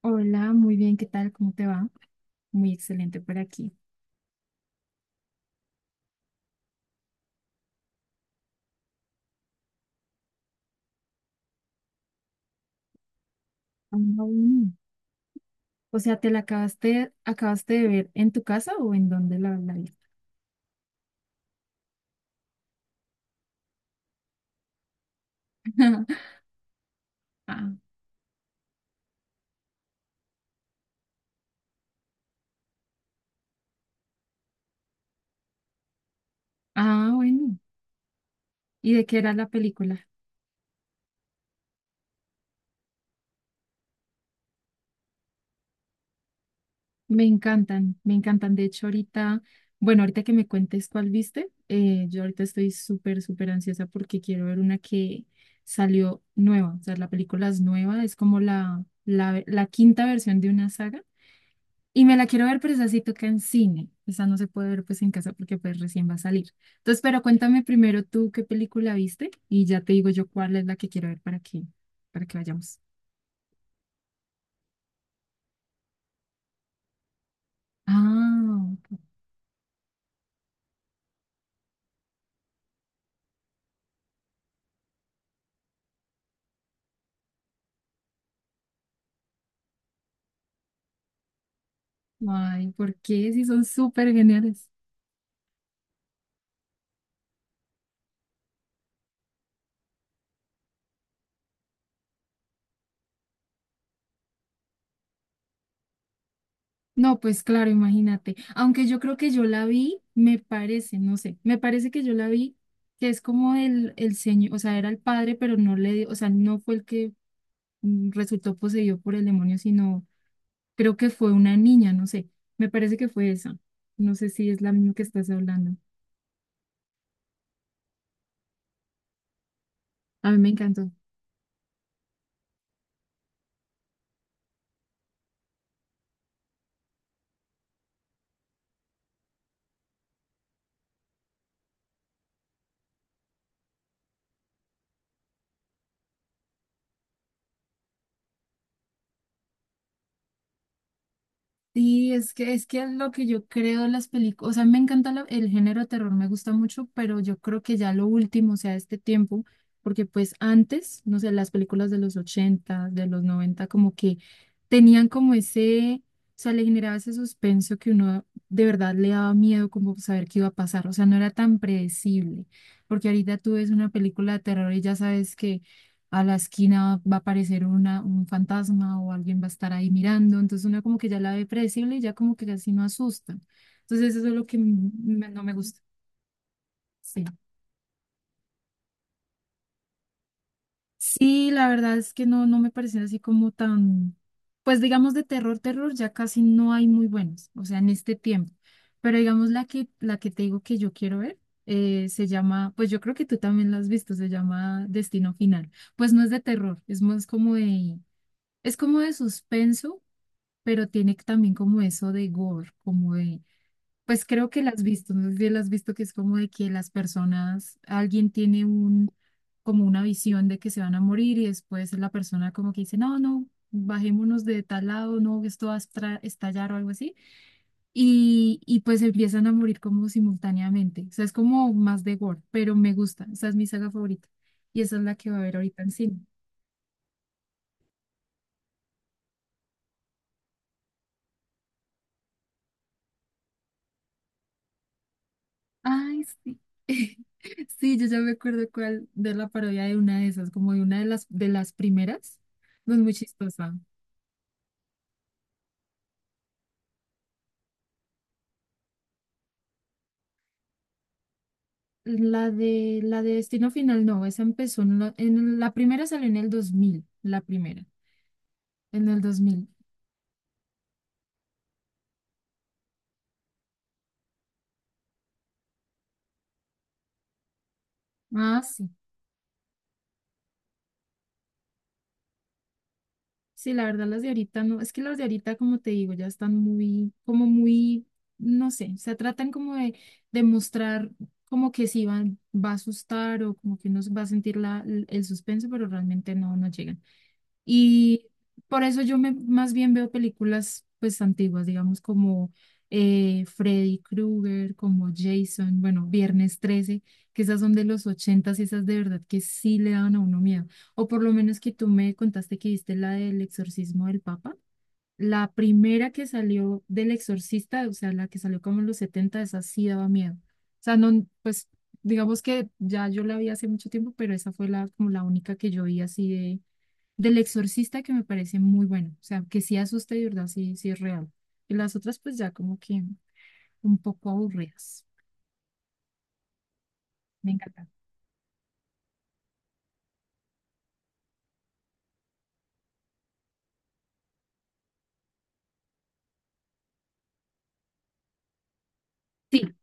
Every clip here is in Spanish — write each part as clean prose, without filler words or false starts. Hola, muy bien, ¿qué tal? ¿Cómo te va? Muy excelente por aquí. Ah, bueno. O sea, ¿te la acabaste de ver en tu casa o en dónde la viste? Ah, bueno. ¿Y de qué era la película? Me encantan, me encantan. De hecho, ahorita, bueno, ahorita que me cuentes cuál viste, yo ahorita estoy súper, súper ansiosa porque quiero ver una que salió nueva. O sea, la película es nueva, es como la quinta versión de una saga. Y me la quiero ver, pero esa sí toca en cine. Esa no se puede ver pues en casa porque pues recién va a salir. Entonces, pero cuéntame primero tú qué película viste y ya te digo yo cuál es la que quiero ver para que vayamos. Ah, ay, ¿por qué? Si son súper geniales. No, pues claro, imagínate. Aunque yo creo que yo la vi, me parece, no sé, me parece que yo la vi, que es como el señor, o sea, era el padre, pero no le, o sea, no fue el que resultó poseído por el demonio, sino. Creo que fue una niña, no sé. Me parece que fue esa. No sé si es la misma que estás hablando. A mí me encantó. Sí, es que es lo que yo creo de las películas, o sea, me encanta el género de terror, me gusta mucho, pero yo creo que ya lo último, o sea, este tiempo, porque pues antes, no sé, las películas de los 80, de los 90, como que tenían como ese, o sea, le generaba ese suspenso que uno de verdad le daba miedo como saber qué iba a pasar, o sea, no era tan predecible, porque ahorita tú ves una película de terror y ya sabes a la esquina va a aparecer un fantasma o alguien va a estar ahí mirando, entonces uno como que ya la ve predecible y ya como que casi no asusta. Entonces eso es lo que no me gusta. Sí. Sí, la verdad es que no, me parecen así como tan, pues digamos de terror, terror, ya casi no hay muy buenos, o sea, en este tiempo. Pero digamos la que te digo que yo quiero ver. Se llama, pues yo creo que tú también la has visto, se llama Destino Final. Pues no es de terror, es más como de, es como de suspenso, pero tiene también como eso de gore, como de, pues creo que las has visto, no sé si las has visto que es como de que las personas, alguien tiene un, como una visión de que se van a morir y después la persona como que dice, no, no, bajémonos de tal lado, no, esto va a estallar o algo así, y pues empiezan a morir como simultáneamente, o sea, es como más de gore, pero me gusta, esa es mi saga favorita y esa es la que va a ver ahorita en cine. Ay, sí. Sí, yo ya me acuerdo cuál de la parodia de una de esas, como de una de las primeras. Pues muy chistosa. La de Destino Final, no, esa empezó en la primera salió en el 2000, la primera, en el 2000. Ah, sí. Sí, la verdad las de ahorita no, es que las de ahorita, como te digo, ya están muy, como muy, no sé, se tratan como de, mostrar como que sí van, va a asustar o como que uno va a sentir la, el suspenso, pero realmente no llegan. Y por eso yo me, más bien veo películas pues antiguas, digamos como Freddy Krueger, como Jason, bueno, Viernes 13, que esas son de los ochentas y esas de verdad que sí le daban a uno miedo. O por lo menos que tú me contaste que viste la del exorcismo del Papa. La primera que salió del exorcista, o sea, la que salió como en los 70 esa sí daba miedo. O sea, no, pues digamos que ya yo la vi hace mucho tiempo, pero esa fue la, como la única que yo vi así del Exorcista que me parece muy bueno, o sea, que sí asusta y de verdad, sí, sí es real. Y las otras pues ya como que un poco aburridas. Me encanta. Sí,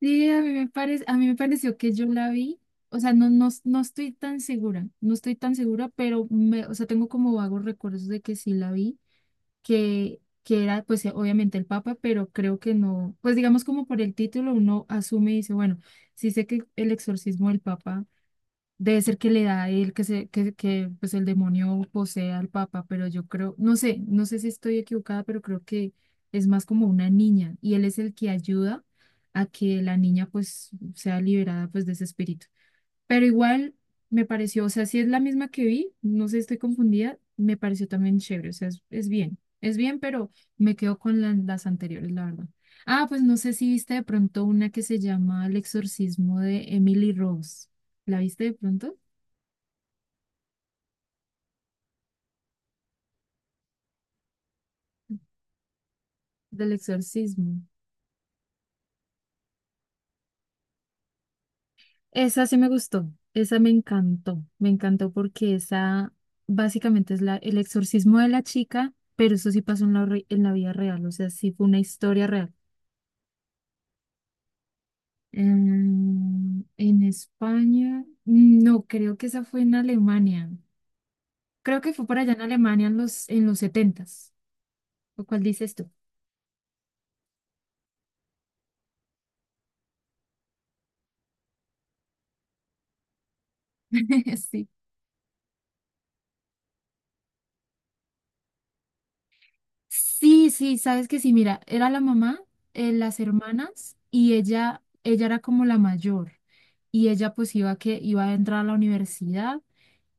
sí, a mí me parece, a mí me pareció que yo la vi, o sea, no, no, no estoy tan segura, no estoy tan segura, pero me, o sea, tengo como vagos recuerdos de que sí la vi, que era pues obviamente el Papa, pero creo que no, pues digamos como por el título uno asume y dice, bueno, sí sé que el exorcismo del Papa. Debe ser que le da a él que pues el demonio posee al papa, pero yo creo, no sé, no sé si estoy equivocada, pero creo que es más como una niña y él es el que ayuda a que la niña pues sea liberada pues de ese espíritu. Pero igual me pareció, o sea, si es la misma que vi, no sé, estoy confundida, me pareció también chévere, o sea, es bien, es bien, pero me quedo con las anteriores, la verdad. Ah, pues no sé si viste de pronto una que se llama El exorcismo de Emily Rose. ¿La viste de pronto? Del exorcismo. Esa sí me gustó, esa me encantó porque esa básicamente es el exorcismo de la chica, pero eso sí pasó en la vida real, o sea, sí fue una historia real. En España, no, creo que esa fue en Alemania. Creo que fue por allá en Alemania en los, setentas s lo cual dices tú. Sí. Sí, sí, sabes que sí, mira, era la mamá, las hermanas y ella era como la mayor y ella pues iba que iba a entrar a la universidad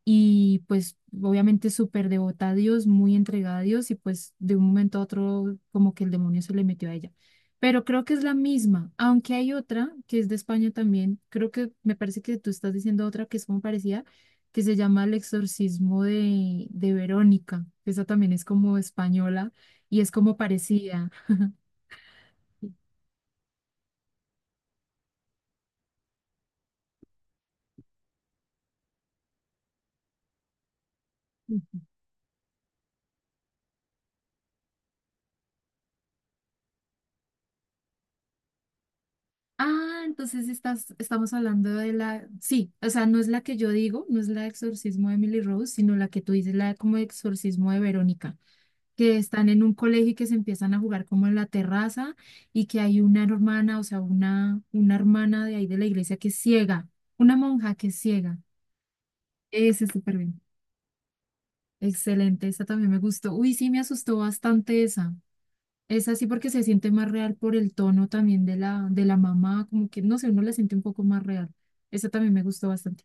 y pues obviamente súper devota a Dios, muy entregada a Dios y pues de un momento a otro como que el demonio se le metió a ella. Pero creo que es la misma, aunque hay otra que es de España también, creo que me parece que tú estás diciendo otra que es como parecida, que se llama El exorcismo de Verónica, esa también es como española y es como parecida. Ah, entonces estamos hablando de la, sí, o sea, no es la que yo digo, no es la de exorcismo de Emily Rose, sino la que tú dices, la de como exorcismo de Verónica, que están en un colegio y que se empiezan a jugar como en la terraza y que hay una hermana, o sea, una hermana de ahí de la iglesia que es ciega, una monja que es ciega. Ese es súper bien. Excelente, esa también me gustó. Uy, sí, me asustó bastante esa. Es así porque se siente más real por el tono también de la, mamá, como que, no sé, uno la siente un poco más real. Esa también me gustó bastante.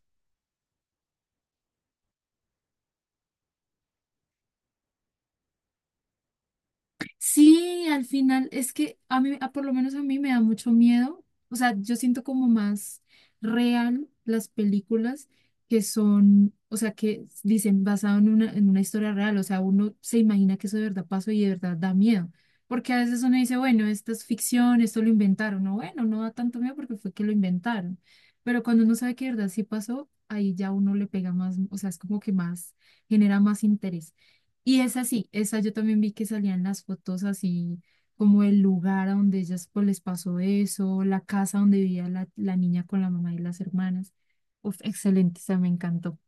Sí, al final es que a mí, por lo menos a mí me da mucho miedo. O sea, yo siento como más real las películas que son, o sea, que dicen basado en una historia real. O sea, uno se imagina que eso de verdad pasó y de verdad da miedo. Porque a veces uno dice, bueno, esto es ficción, esto lo inventaron. No, bueno, no da tanto miedo porque fue que lo inventaron. Pero cuando uno sabe que de verdad sí pasó, ahí ya uno le pega más, o sea, es como que más, genera más interés. Y esa sí, esa yo también vi que salían las fotos así, como el lugar a donde ellas pues les pasó eso, la casa donde vivía la niña con la mamá y las hermanas. Uf, excelente, esa me encantó.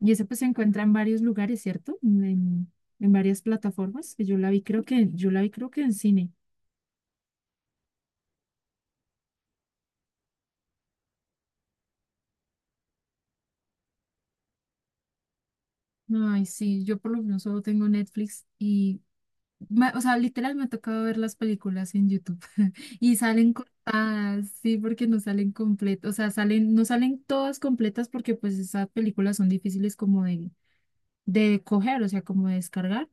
Y esa pues se encuentra en varios lugares, ¿cierto? En varias plataformas, que yo la vi creo que en cine. Ay, sí, yo por lo menos solo tengo Netflix y, o sea, literal me ha tocado ver las películas en YouTube. Y salen cortadas, sí, porque no salen completas, o sea, no salen todas completas porque pues esas películas son difíciles como de, coger, o sea, como de descargar.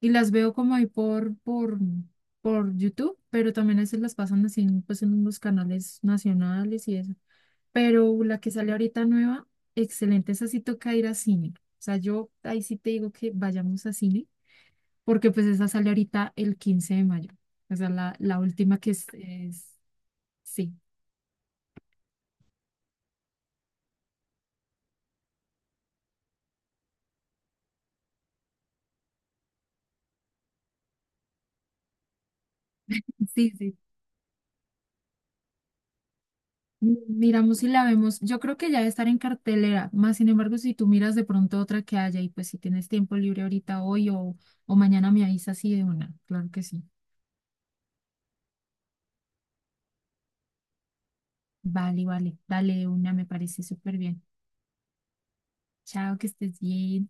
Y las veo como ahí por YouTube, pero también a veces las pasan así pues en los canales nacionales y eso. Pero la que sale ahorita nueva, excelente, esa sí toca ir a cine. O sea, yo ahí sí te digo que vayamos a cine, porque pues esa sale ahorita el 15 de mayo. O sea, la última que es, sí. Sí, sí. Miramos si la vemos. Yo creo que ya debe estar en cartelera. Más sin embargo, si tú miras de pronto otra que haya y pues si tienes tiempo libre ahorita hoy o mañana me avisas así de una. Claro que sí. Vale, vale. Dale de una, me parece súper bien. Chao, que estés bien.